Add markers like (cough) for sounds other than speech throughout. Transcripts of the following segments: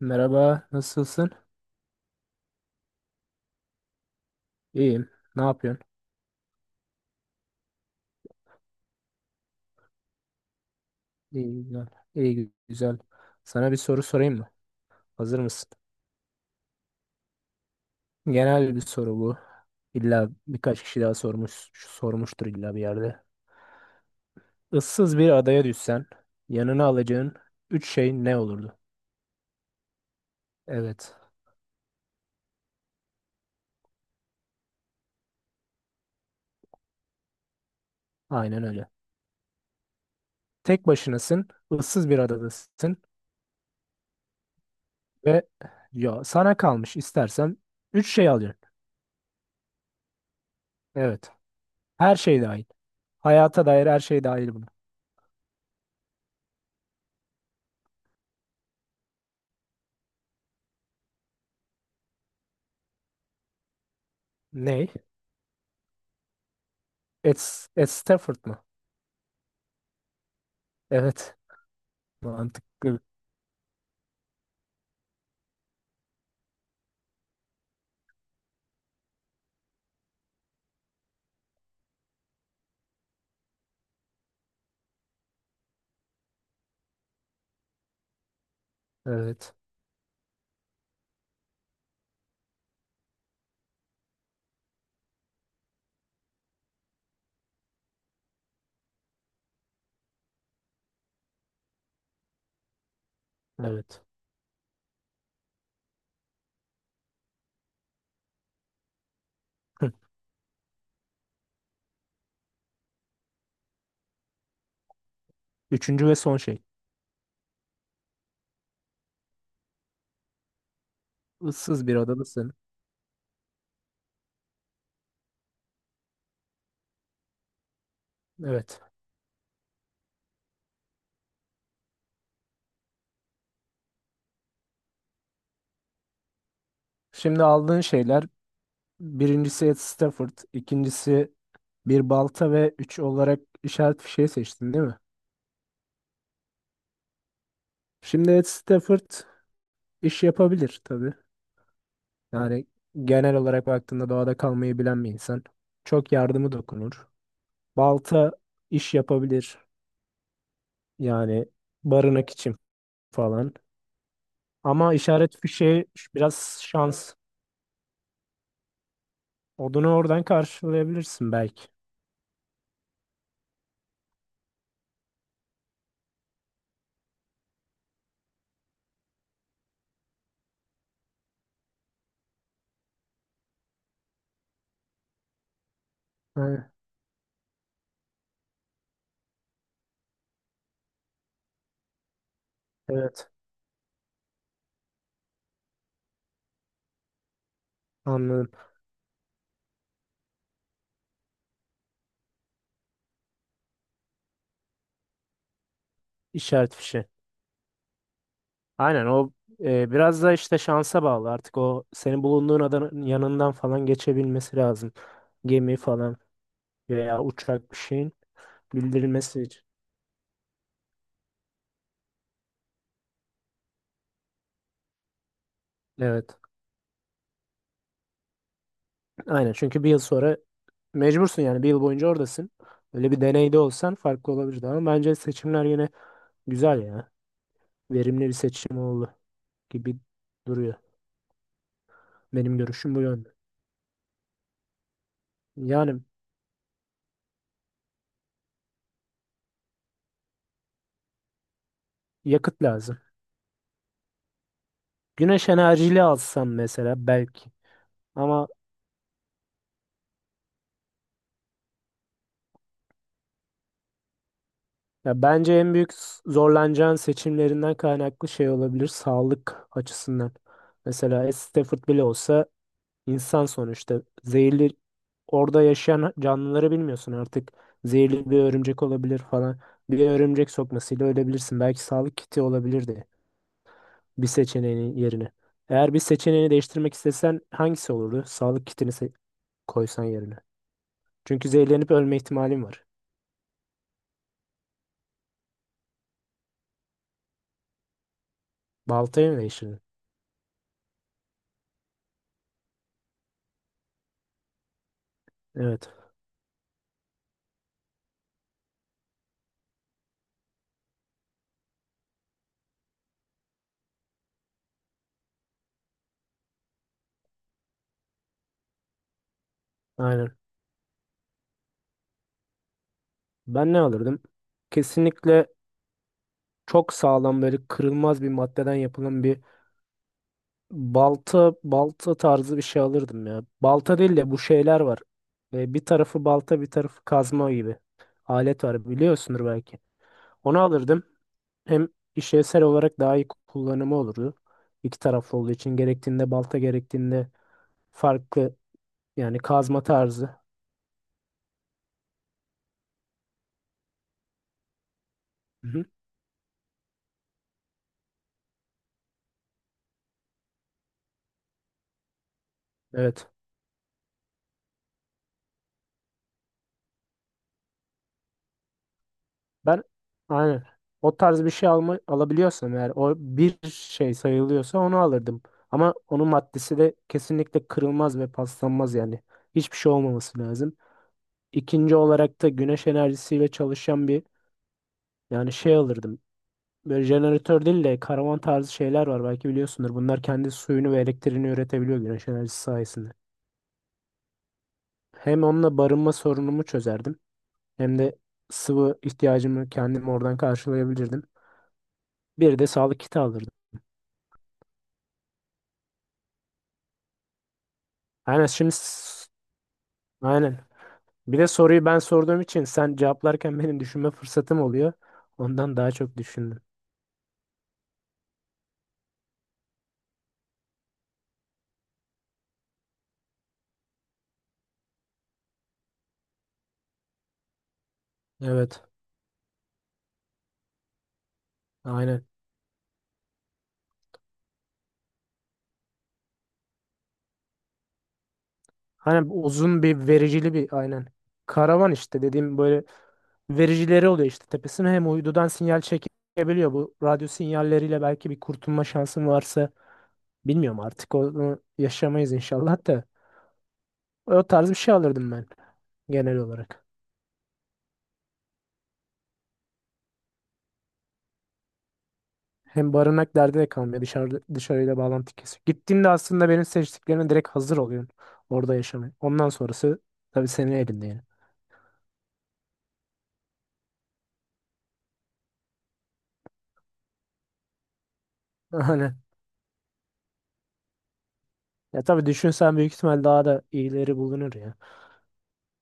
Merhaba, nasılsın? İyiyim. Ne yapıyorsun? İyi güzel. İyi güzel. Sana bir soru sorayım mı? Hazır mısın? Genel bir soru bu. İlla birkaç kişi daha sormuştur illa bir yerde. Issız bir adaya düşsen, yanına alacağın üç şey ne olurdu? Evet, aynen öyle. Tek başınasın, ıssız bir adadasın ve ya sana kalmış istersen üç şey alacaksın. Evet, her şey dahil. Hayata dair her şey dahil buna. Ne? Ed, Ed Stafford mı? Evet. Mantıklı. Evet. Evet. Hı. Üçüncü ve son şey. Issız bir odadasın. Evet. Şimdi aldığın şeyler birincisi Ed Stafford, ikincisi bir balta ve üç olarak işaret fişeği seçtin, değil mi? Şimdi Ed Stafford iş yapabilir tabii. Yani genel olarak baktığında doğada kalmayı bilen bir insan. Çok yardımı dokunur. Balta iş yapabilir. Yani barınak için falan. Ama işaret fişeği biraz şans. Odunu oradan karşılayabilirsin belki. Ha, evet anladım. İşaret fişeği. Aynen o biraz da işte şansa bağlı. Artık o senin bulunduğun adanın yanından falan geçebilmesi lazım. Gemi falan veya uçak bir şeyin bildirilmesi için. Evet. Aynen çünkü bir yıl sonra mecbursun yani bir yıl boyunca oradasın. Öyle bir deneyde olsan farklı olabilirdi ama bence seçimler yine güzel ya. Verimli bir seçim oldu gibi duruyor. Benim görüşüm bu yönde. Yani yakıt lazım. Güneş enerjili alsam mesela belki. Ama ya bence en büyük zorlanacağın seçimlerinden kaynaklı şey olabilir sağlık açısından. Mesela Stafford bile olsa insan sonuçta zehirli orada yaşayan canlıları bilmiyorsun artık. Zehirli bir örümcek olabilir falan. Bir örümcek sokmasıyla ölebilirsin. Belki sağlık kiti olabilirdi bir seçeneğin yerine. Eğer bir seçeneğini değiştirmek istesen hangisi olurdu? Sağlık kitini koysan yerine. Çünkü zehirlenip ölme ihtimalim var. Baltayı mı değiştirdin? Evet. Aynen. Ben ne alırdım? Kesinlikle çok sağlam böyle kırılmaz bir maddeden yapılan bir balta tarzı bir şey alırdım ya. Balta değil de bu şeyler var. Bir tarafı balta bir tarafı kazma gibi. Alet var biliyorsundur belki. Onu alırdım. Hem işlevsel olarak daha iyi kullanımı olurdu. İki taraflı olduğu için gerektiğinde balta gerektiğinde farklı yani kazma tarzı. Hı hı. Evet. Ben aynen o tarz bir şey alabiliyorsam eğer o bir şey sayılıyorsa onu alırdım. Ama onun maddesi de kesinlikle kırılmaz ve paslanmaz yani. Hiçbir şey olmaması lazım. İkinci olarak da güneş enerjisiyle çalışan bir yani şey alırdım. Böyle jeneratör değil de karavan tarzı şeyler var belki biliyorsundur. Bunlar kendi suyunu ve elektriğini üretebiliyor güneş enerjisi sayesinde. Hem onunla barınma sorunumu çözerdim hem de sıvı ihtiyacımı kendim oradan karşılayabilirdim. Bir de sağlık kiti alırdım. Aynen şimdi aynen. Bir de soruyu ben sorduğum için sen cevaplarken benim düşünme fırsatım oluyor. Ondan daha çok düşündüm. Evet. Aynen. Aynen uzun bir vericili bir aynen. Karavan işte dediğim böyle vericileri oluyor işte tepesine hem uydudan sinyal çekebiliyor. Bu radyo sinyalleriyle belki bir kurtulma şansım varsa bilmiyorum artık onu yaşamayız inşallah da. O tarz bir şey alırdım ben genel olarak. Hem barınak derdi de kalmıyor. Dışarıyla bağlantı kesiyor. Gittiğinde aslında benim seçtiklerine direkt hazır oluyorsun. Orada yaşamaya. Ondan sonrası tabii senin elinde yani. (laughs) Hani ya tabii düşünsen büyük ihtimal daha da iyileri bulunur ya.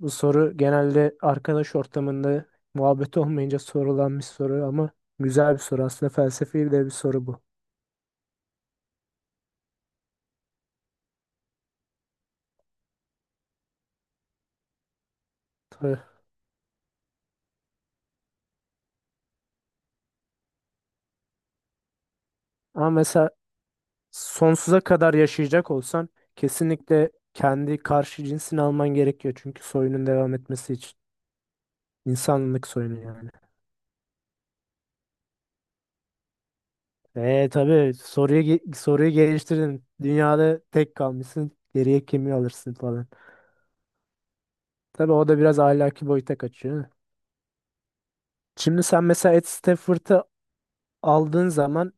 Bu soru genelde arkadaş ortamında muhabbet (laughs) olmayınca sorulan bir soru ama güzel bir soru. Aslında felsefi de bir soru bu. Tabii. Ama mesela sonsuza kadar yaşayacak olsan kesinlikle kendi karşı cinsini alman gerekiyor. Çünkü soyunun devam etmesi için. İnsanlık soyunu yani. E tabii soruyu geliştirdin. Dünyada tek kalmışsın. Geriye kimi alırsın falan. Tabii o da biraz ahlaki boyuta kaçıyor. Şimdi sen mesela Ed Stafford'ı aldığın zaman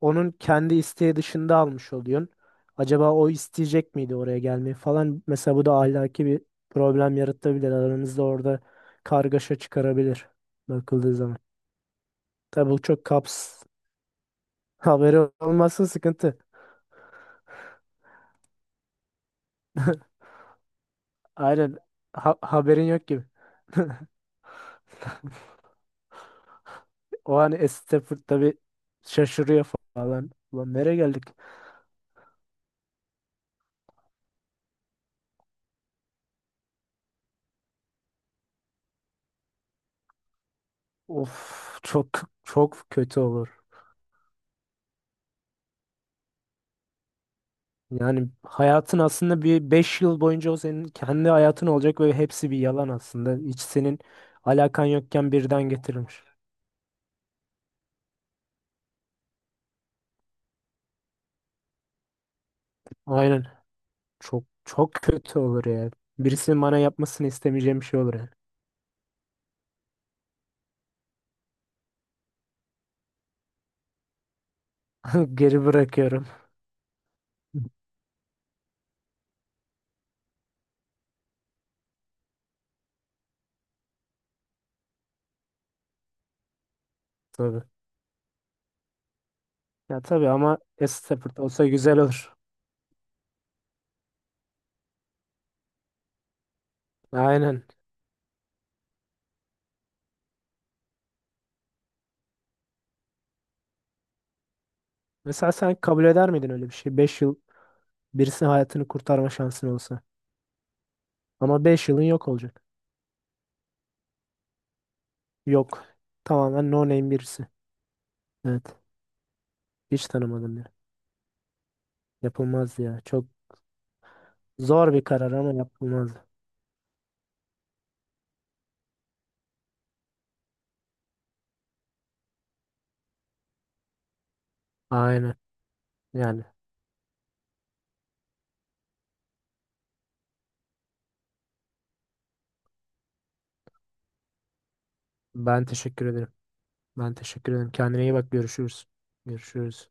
onun kendi isteği dışında almış oluyorsun. Acaba o isteyecek miydi oraya gelmeyi falan. Mesela bu da ahlaki bir problem yaratabilir. Aranızda orada kargaşa çıkarabilir bakıldığı zaman. Tabii bu çok (laughs) haberi olmasın sıkıntı. Aynen haberin yok gibi. (laughs) O hani Stafford tabii şaşırıyor falan. Ulan nereye geldik? Of çok çok kötü olur. Yani hayatın aslında bir 5 yıl boyunca o senin kendi hayatın olacak ve hepsi bir yalan aslında. Hiç senin alakan yokken birden getirilmiş. Aynen. Çok çok kötü olur ya. Birisinin bana yapmasını istemeyeceğim bir şey olur yani. (laughs) Geri bırakıyorum. Tabii. Ya tabii ama Stafford olsa güzel olur. Aynen. Mesela sen kabul eder miydin öyle bir şey? 5 yıl birisinin hayatını kurtarma şansın olsa. Ama 5 yılın yok olacak. Yok. Tamamen no name birisi. Evet. Hiç tanımadım ya. Yapılmaz ya. Çok zor bir karar ama yapılmaz. Aynen. Yani ben teşekkür ederim. Ben teşekkür ederim. Kendine iyi bak. Görüşürüz. Görüşürüz.